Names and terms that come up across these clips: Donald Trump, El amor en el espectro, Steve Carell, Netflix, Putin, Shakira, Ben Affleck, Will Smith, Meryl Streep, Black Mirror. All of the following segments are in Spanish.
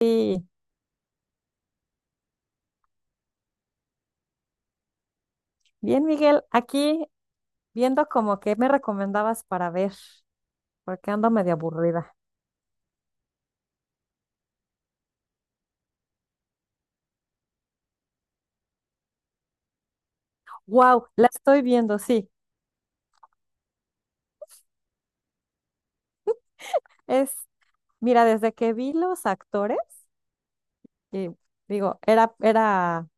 Sí, bien, Miguel, aquí viendo como que me recomendabas para ver, porque ando medio aburrida. Wow, la estoy viendo, sí. Es, mira, desde que vi los actores, y digo, era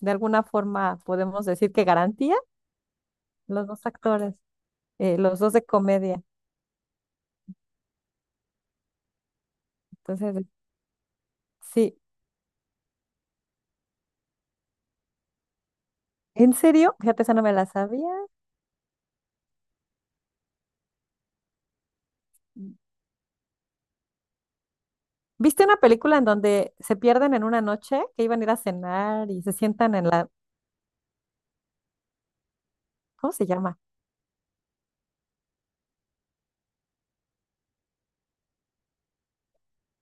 de alguna forma podemos decir que garantía, los dos actores, los dos de comedia. Entonces, sí, ¿en serio? Fíjate, esa no me la sabía. ¿Viste una película en donde se pierden en una noche, que iban a ir a cenar y se sientan en la, ¿cómo se llama?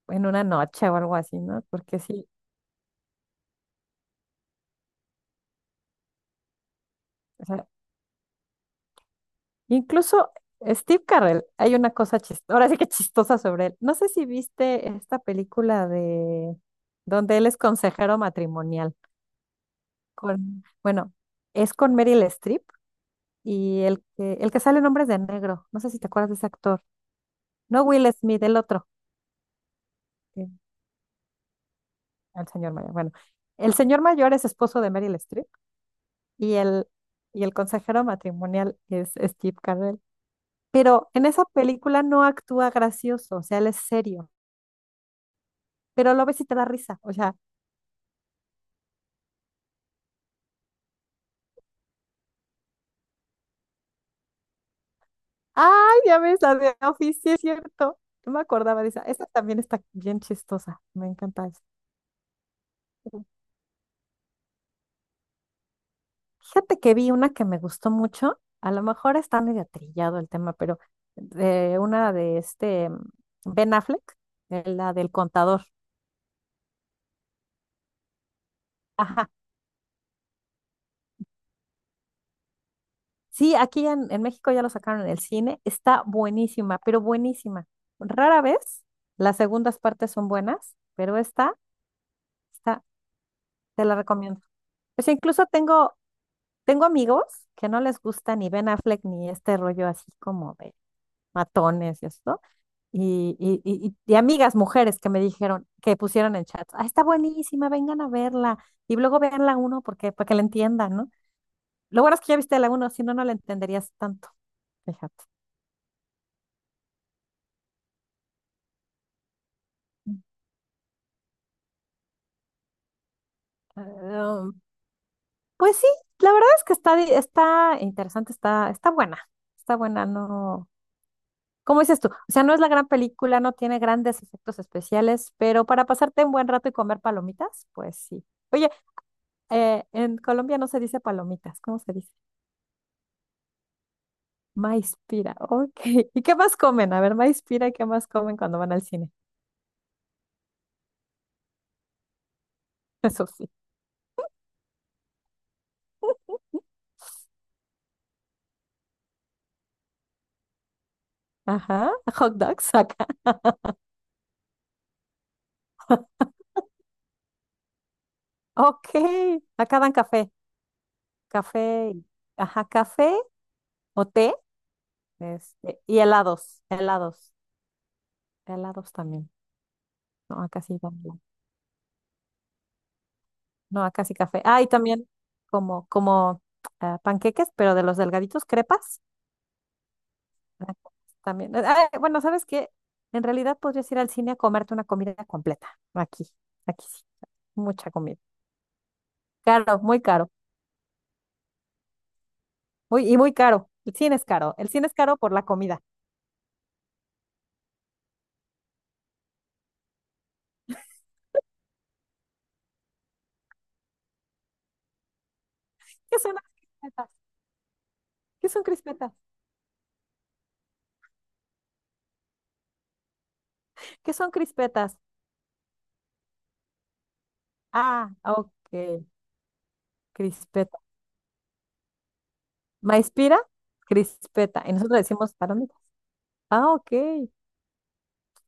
En una noche o algo así, ¿no? Porque sí, o sea, incluso Steve Carell, hay una cosa chistosa, ahora sí que chistosa sobre él. No sé si viste esta película de donde él es consejero matrimonial con, bueno, es con Meryl Streep y el que sale en Hombres de Negro, no sé si te acuerdas de ese actor, no Will Smith, el otro, eh, el señor mayor, bueno, el señor mayor es esposo de Meryl Streep y el, y el consejero matrimonial es Steve Carell. Pero en esa película no actúa gracioso, o sea, él es serio, pero lo ves y te da risa, o sea, ay, ya ves la de Office, sí es cierto, no me acordaba de esa, esa también está bien chistosa, me encanta esa. Ujú. Fíjate que vi una que me gustó mucho, a lo mejor está medio trillado el tema, pero de una de este Ben Affleck, la del contador. Ajá. Sí, aquí en México ya lo sacaron en el cine. Está buenísima, pero buenísima. Rara vez las segundas partes son buenas, pero esta te la recomiendo. Pues incluso tengo amigos que no les gusta ni Ben Affleck ni este rollo así como de matones y esto. Y amigas mujeres que me dijeron, que pusieron en chat, ah, está buenísima, vengan a verla. Y luego vean la uno porque, para que la entiendan, ¿no? Lo bueno es que ya viste la uno, si no, no la entenderías tanto. Fíjate. Ah, pues sí, la verdad es que está interesante, está, está buena, no, ¿cómo dices tú? O sea, no es la gran película, no tiene grandes efectos especiales, pero para pasarte un buen rato y comer palomitas, pues sí. Oye, en Colombia no se dice palomitas, ¿cómo se dice? Maíz pira, ok. ¿Y qué más comen? A ver, maíz pira, ¿y qué más comen cuando van al cine? Eso sí. Ajá, hot dogs acá. Ok, acá dan café, café, y- ajá, café o té. Este, y helados, helados, helados también. No, acá sí va. No, acá sí café. Ah, y también como ah, panqueques, pero de los delgaditos, crepas. Ah, también. Ah, bueno, ¿sabes qué? En realidad podrías ir al cine a comerte una comida completa. Aquí, aquí sí. Mucha comida. Caro. Muy, y muy caro. El cine es caro. El cine es caro por la comida. ¿Qué son las crispetas? ¿Qué son crispetas? ¿Qué son crispetas? Ah, ok. Crispetas. Maíz-pira, crispeta. Y nosotros decimos palomitas. Ah, ok.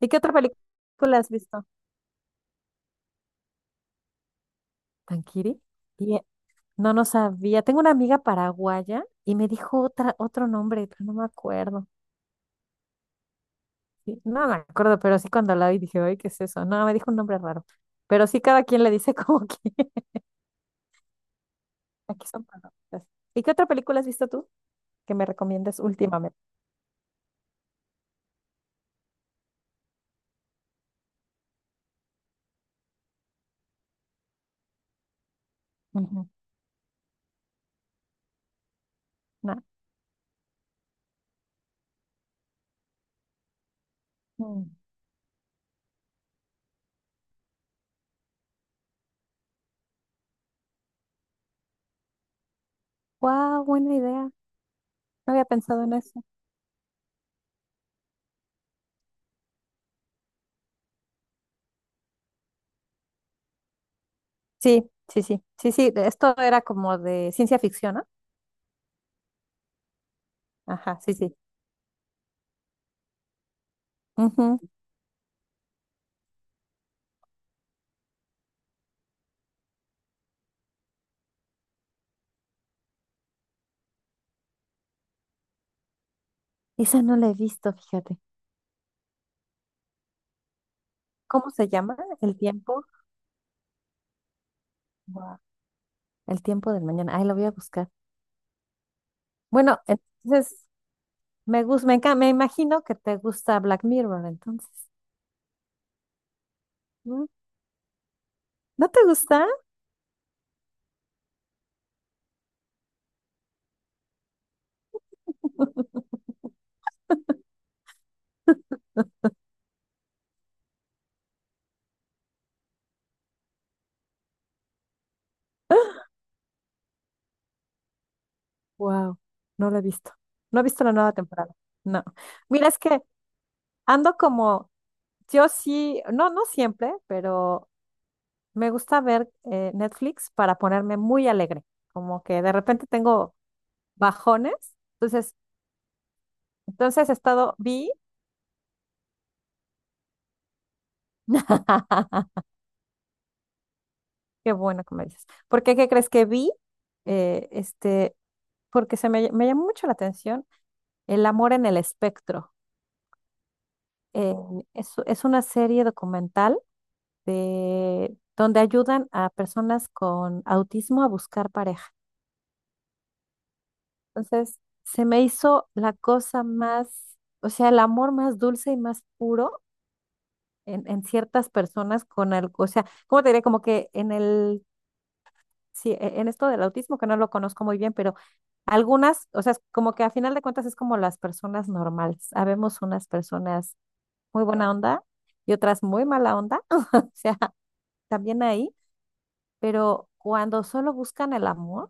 ¿Y qué otra película has visto? ¿Tankiri? Y, no, no sabía. Tengo una amiga paraguaya y me dijo otra, otro nombre, pero no me acuerdo. Sí, no me acuerdo, pero sí cuando la oí dije, ay, ¿qué es eso? No, me dijo un nombre raro. Pero sí cada quien le dice como que aquí son palomitas. ¿Y qué otra película has visto tú que me recomiendes últimamente? Ujú. No. Wow, buena idea. No había pensado en eso. Sí, sí, sí, sí, sí, esto era como de ciencia ficción, ¿no? Ajá, sí, sí. Ujú. Esa no la he visto, fíjate. ¿Cómo se llama? El tiempo. Guau. El tiempo del mañana. Ay, lo voy a buscar. Bueno, entonces me gusta, me imagino que te gusta Black Mirror, entonces. ¿Mm? ¿No te gusta? Wow, no lo he visto. No he visto la nueva temporada. No. Mira, es que ando como, yo sí, no, no siempre, pero me gusta ver Netflix para ponerme muy alegre, como que de repente tengo bajones. Entonces, entonces he estado, vi, qué bueno que me dices. ¿Por qué, qué crees que vi? Eh, este, porque me llamó mucho la atención el amor en el espectro. Eh, es una serie documental de, donde ayudan a personas con autismo a buscar pareja. Entonces, se me hizo la cosa más, o sea, el amor más dulce y más puro en ciertas personas con algo, o sea, ¿cómo te diré? Como que en el, sí, en esto del autismo, que no lo conozco muy bien, pero algunas, o sea, es como que a final de cuentas es como las personas normales. Habemos unas personas muy buena onda y otras muy mala onda, o sea, también ahí. Pero cuando solo buscan el amor,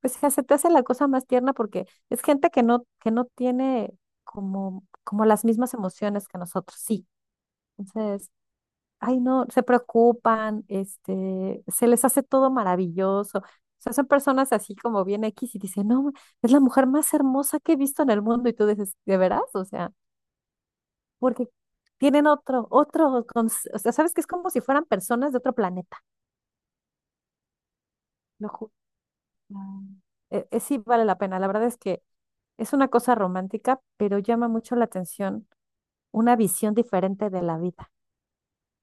pues ya se te hace la cosa más tierna porque es gente que no tiene como, como las mismas emociones que nosotros, sí. Entonces, ay, no, se preocupan, este, se les hace todo maravilloso. O sea, son personas así como bien X y dicen, no, es la mujer más hermosa que he visto en el mundo. Y tú dices, ¿de veras? O sea, porque tienen o sea, sabes que es como si fueran personas de otro planeta. Lo juro. Ah. Sí vale la pena. La verdad es que es una cosa romántica, pero llama mucho la atención una visión diferente de la vida.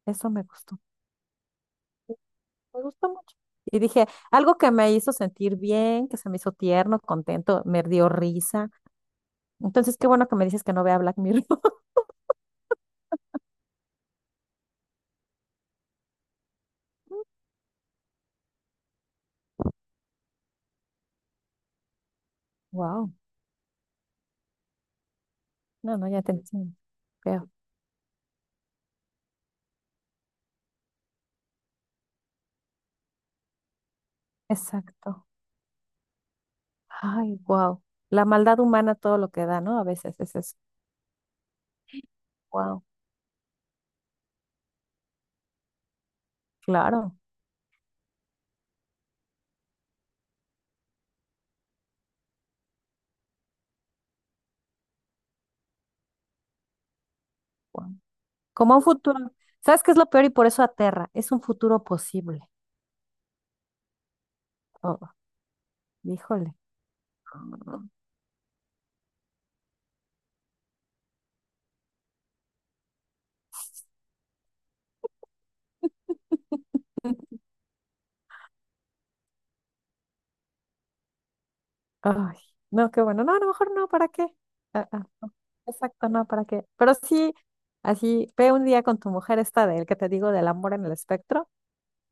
Eso me gustó mucho. Y dije, algo que me hizo sentir bien, que se me hizo tierno, contento, me dio risa. Entonces, qué bueno que me dices que no vea Black Mirror. Wow. No, no, ya te entiendo. Veo. Exacto. Ay, wow. La maldad humana, todo lo que da, ¿no? A veces es eso. Wow. Claro. Guau. Como un futuro. ¿Sabes qué es lo peor y por eso aterra? Es un futuro posible. Oh, híjole. Mm. Ay, no, qué bueno. No, a lo mejor no, ¿para qué? Ah, ah, no. Exacto, no, ¿para qué? Pero sí, así, ve un día con tu mujer esta del que te digo del amor en el espectro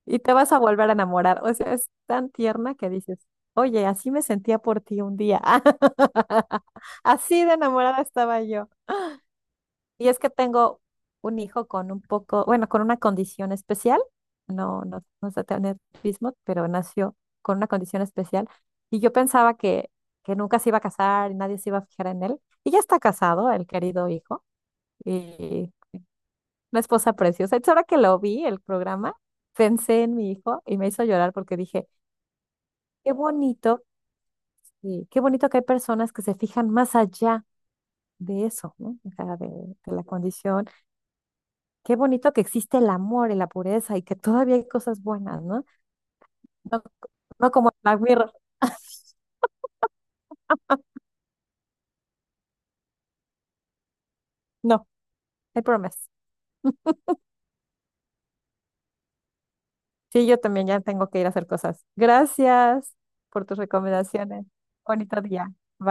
y te vas a volver a enamorar. O sea, es tan tierna que dices, oye, así me sentía por ti un día. Así de enamorada estaba yo. Y es que tengo un hijo con un poco, bueno, con una condición especial, no, no sé tener autismo, pero nació con una condición especial. Y yo pensaba que nunca se iba a casar y nadie se iba a fijar en él. Y ya está casado, el querido hijo, y una esposa preciosa. Entonces, ahora que lo vi, el programa, pensé en mi hijo y me hizo llorar porque dije, qué bonito, y qué bonito que hay personas que se fijan más allá de eso, ¿no? O sea, de la condición. Qué bonito que existe el amor y la pureza y que todavía hay cosas buenas, ¿no? No, no como el Black Mirror. No, hay promesas. Sí, yo también ya tengo que ir a hacer cosas. Gracias por tus recomendaciones. Bonito día. Bye.